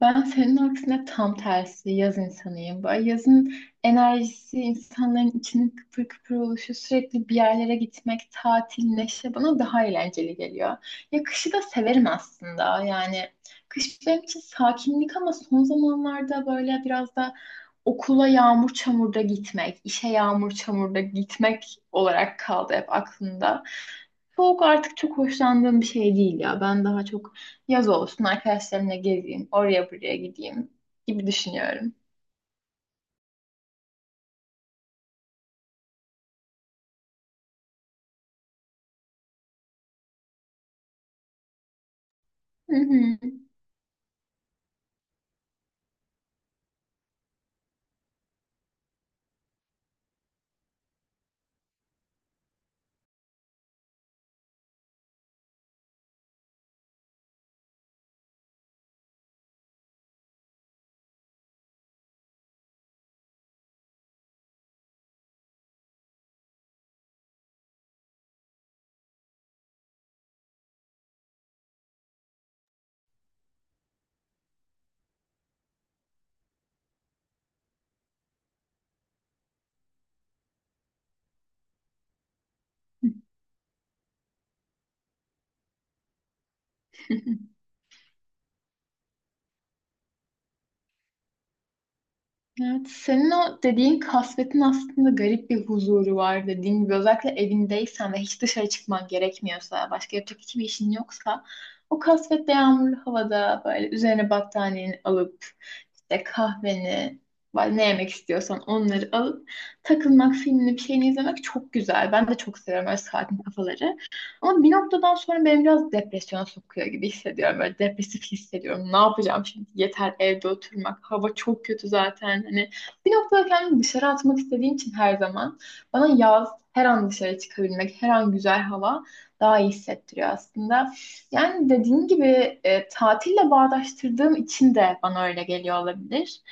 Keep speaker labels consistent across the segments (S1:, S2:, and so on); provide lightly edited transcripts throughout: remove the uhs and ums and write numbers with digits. S1: Ben senin aksine tam tersi yaz insanıyım. Böyle yazın enerjisi, insanların içinin kıpır kıpır oluşu, sürekli bir yerlere gitmek, tatil, neşe bana daha eğlenceli geliyor. Ya kışı da severim aslında. Yani kış benim için sakinlik ama son zamanlarda böyle biraz da okula yağmur çamurda gitmek, işe yağmur çamurda gitmek olarak kaldı hep aklımda. Soğuk artık çok hoşlandığım bir şey değil ya. Ben daha çok yaz olsun, arkadaşlarımla gezeyim, oraya buraya gideyim gibi düşünüyorum. Hı hı. Evet, senin o dediğin kasvetin aslında garip bir huzuru var, dediğin gibi özellikle evindeysen ve hiç dışarı çıkman gerekmiyorsa, başka yapacak hiçbir işin yoksa o kasvetli yağmurlu havada böyle üzerine battaniyeni alıp işte kahveni, böyle ne yemek istiyorsan onları alıp takılmak, filmini bir şeyini izlemek çok güzel. Ben de çok seviyorum öyle sakin kafaları. Ama bir noktadan sonra beni biraz depresyona sokuyor gibi hissediyorum. Böyle depresif hissediyorum. Ne yapacağım şimdi? Yeter evde oturmak. Hava çok kötü zaten. Hani bir noktada kendimi dışarı atmak istediğim için her zaman bana yaz, her an dışarı çıkabilmek, her an güzel hava daha iyi hissettiriyor aslında. Yani dediğin gibi tatille bağdaştırdığım için de bana öyle geliyor olabilir.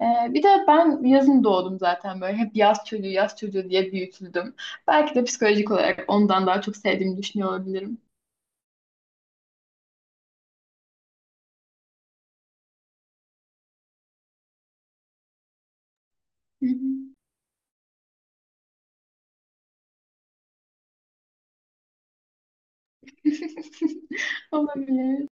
S1: E, Bir de ben yazın doğdum zaten böyle. Hep yaz çocuğu, yaz çocuğu diye büyütüldüm. Belki de psikolojik olarak ondan daha çok sevdiğimi düşünüyor olabilirim. Hı hı. Olabilir.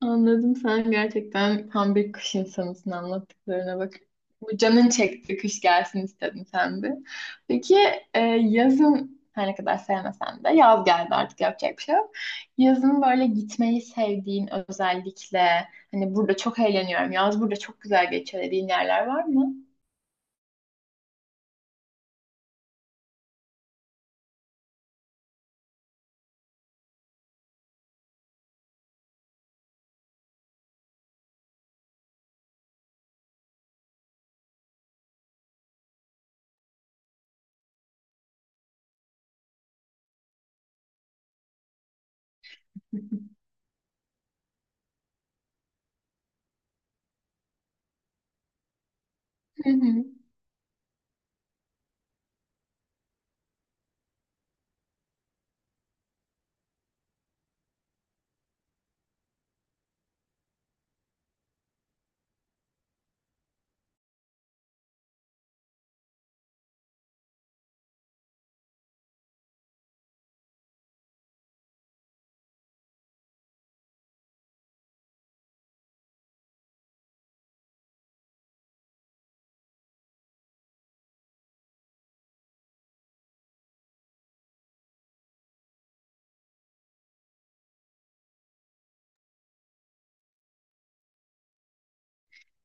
S1: Anladım. Sen gerçekten tam bir kış insanısın, anlattıklarına bak. Bu canın çekti, kış gelsin istedin sen de. Peki, yazın her ne kadar sevmesen de yaz geldi, artık yapacak bir şey yok. Yazın böyle gitmeyi sevdiğin, özellikle hani burada çok eğleniyorum, yaz burada çok güzel geçiyor dediğin yerler var mı?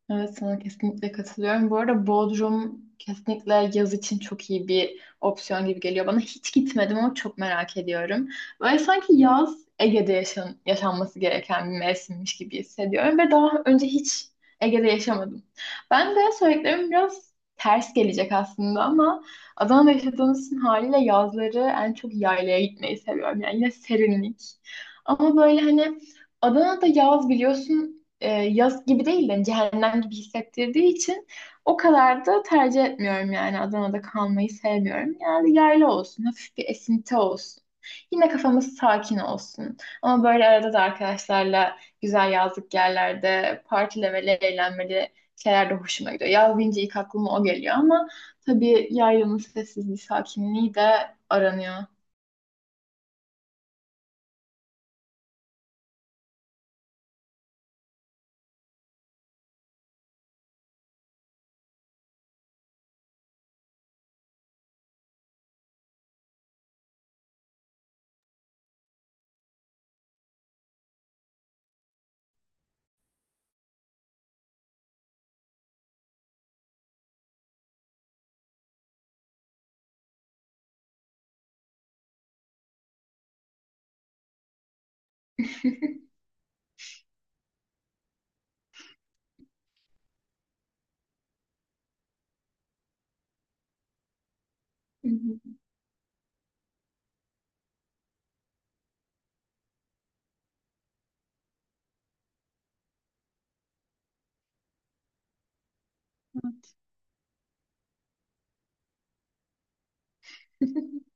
S1: Evet, sana kesinlikle katılıyorum. Bu arada Bodrum kesinlikle yaz için çok iyi bir opsiyon gibi geliyor bana. Hiç gitmedim ama çok merak ediyorum. Böyle sanki yaz Ege'de yaşanması gereken bir mevsimmiş gibi hissediyorum ve daha önce hiç Ege'de yaşamadım. Ben de söylediklerim biraz ters gelecek aslında ama Adana'da yaşadığımız için haliyle yazları en çok yaylaya gitmeyi seviyorum. Yani yine serinlik. Ama böyle hani Adana'da yaz biliyorsun, yaz gibi değil de hani cehennem gibi hissettirdiği için o kadar da tercih etmiyorum yani. Adana'da kalmayı sevmiyorum. Yani yayla olsun, hafif bir esinti olsun. Yine kafamız sakin olsun. Ama böyle arada da arkadaşlarla güzel yazlık yerlerde partilemeli, eğlenmeli şeyler de hoşuma gidiyor. Yaz deyince ilk aklıma o geliyor ama tabii yaylanın sessizliği, sakinliği de aranıyor.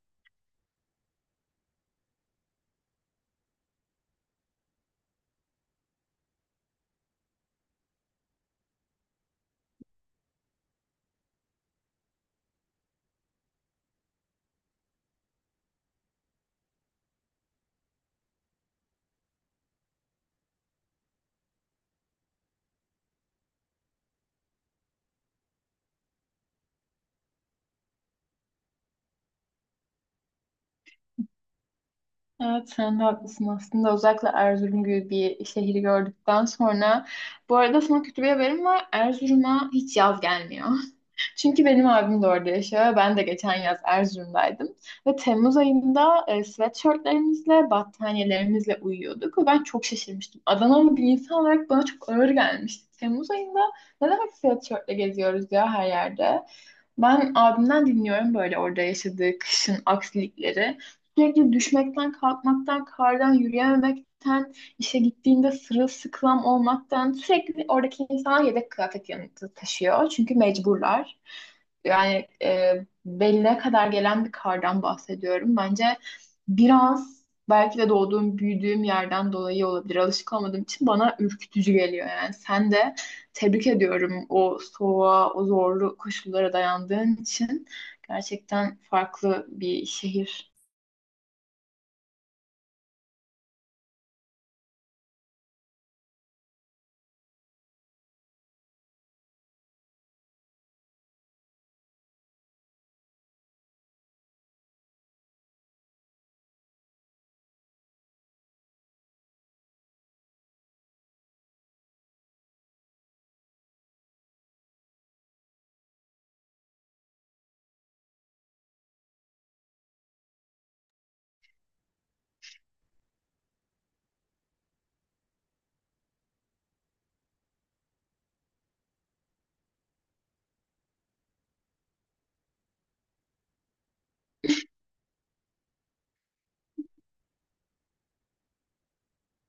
S1: Evet, sen de haklısın aslında. Özellikle Erzurum gibi bir şehri gördükten sonra. Bu arada sana kötü bir haberim var. Erzurum'a hiç yaz gelmiyor. Çünkü benim abim de orada yaşıyor. Ve ben de geçen yaz Erzurum'daydım. Ve Temmuz ayında sweatshirtlerimizle, battaniyelerimizle uyuyorduk. Ve ben çok şaşırmıştım. Adanalı bir insan olarak bana çok ağır gelmişti. Temmuz ayında ne demek sweatshirtle geziyoruz ya her yerde. Ben abimden dinliyorum böyle orada yaşadığı kışın aksilikleri. Sürekli düşmekten, kalkmaktan, kardan yürüyememekten, işe gittiğinde sırılsıklam olmaktan sürekli. Oradaki insanlar yedek kıyafet yanında taşıyor. Çünkü mecburlar. Yani beline kadar gelen bir kardan bahsediyorum. Bence biraz belki de doğduğum, büyüdüğüm yerden dolayı olabilir. Alışık olmadığım için bana ürkütücü geliyor yani. Sen de tebrik ediyorum o soğuğa, o zorlu koşullara dayandığın için. Gerçekten farklı bir şehir.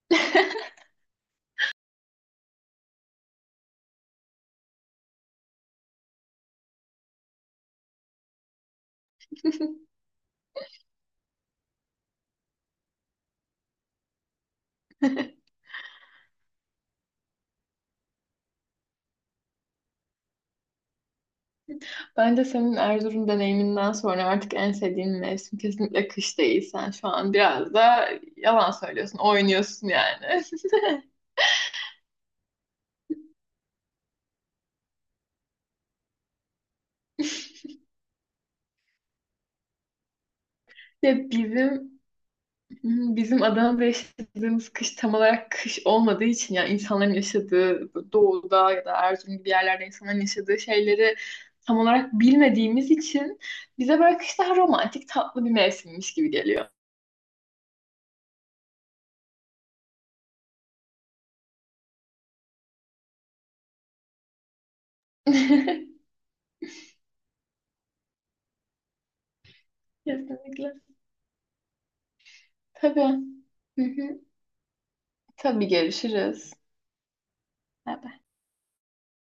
S1: Ben de senin Erzurum deneyiminden sonra artık en sevdiğin mevsim kesinlikle kış değil. Sen şu an biraz da yalan söylüyorsun, oynuyorsun yani. Ya bizim bizim Adana'da yaşadığımız kış tam olarak kış olmadığı için, yani insanların yaşadığı doğuda ya da Erzurum gibi yerlerde insanların yaşadığı şeyleri tam olarak bilmediğimiz için bize böyle kış daha romantik, tatlı bir mevsimmiş gibi geliyor. Kesinlikle. Tabii. Hı hı. Tabii, görüşürüz. Bay bay.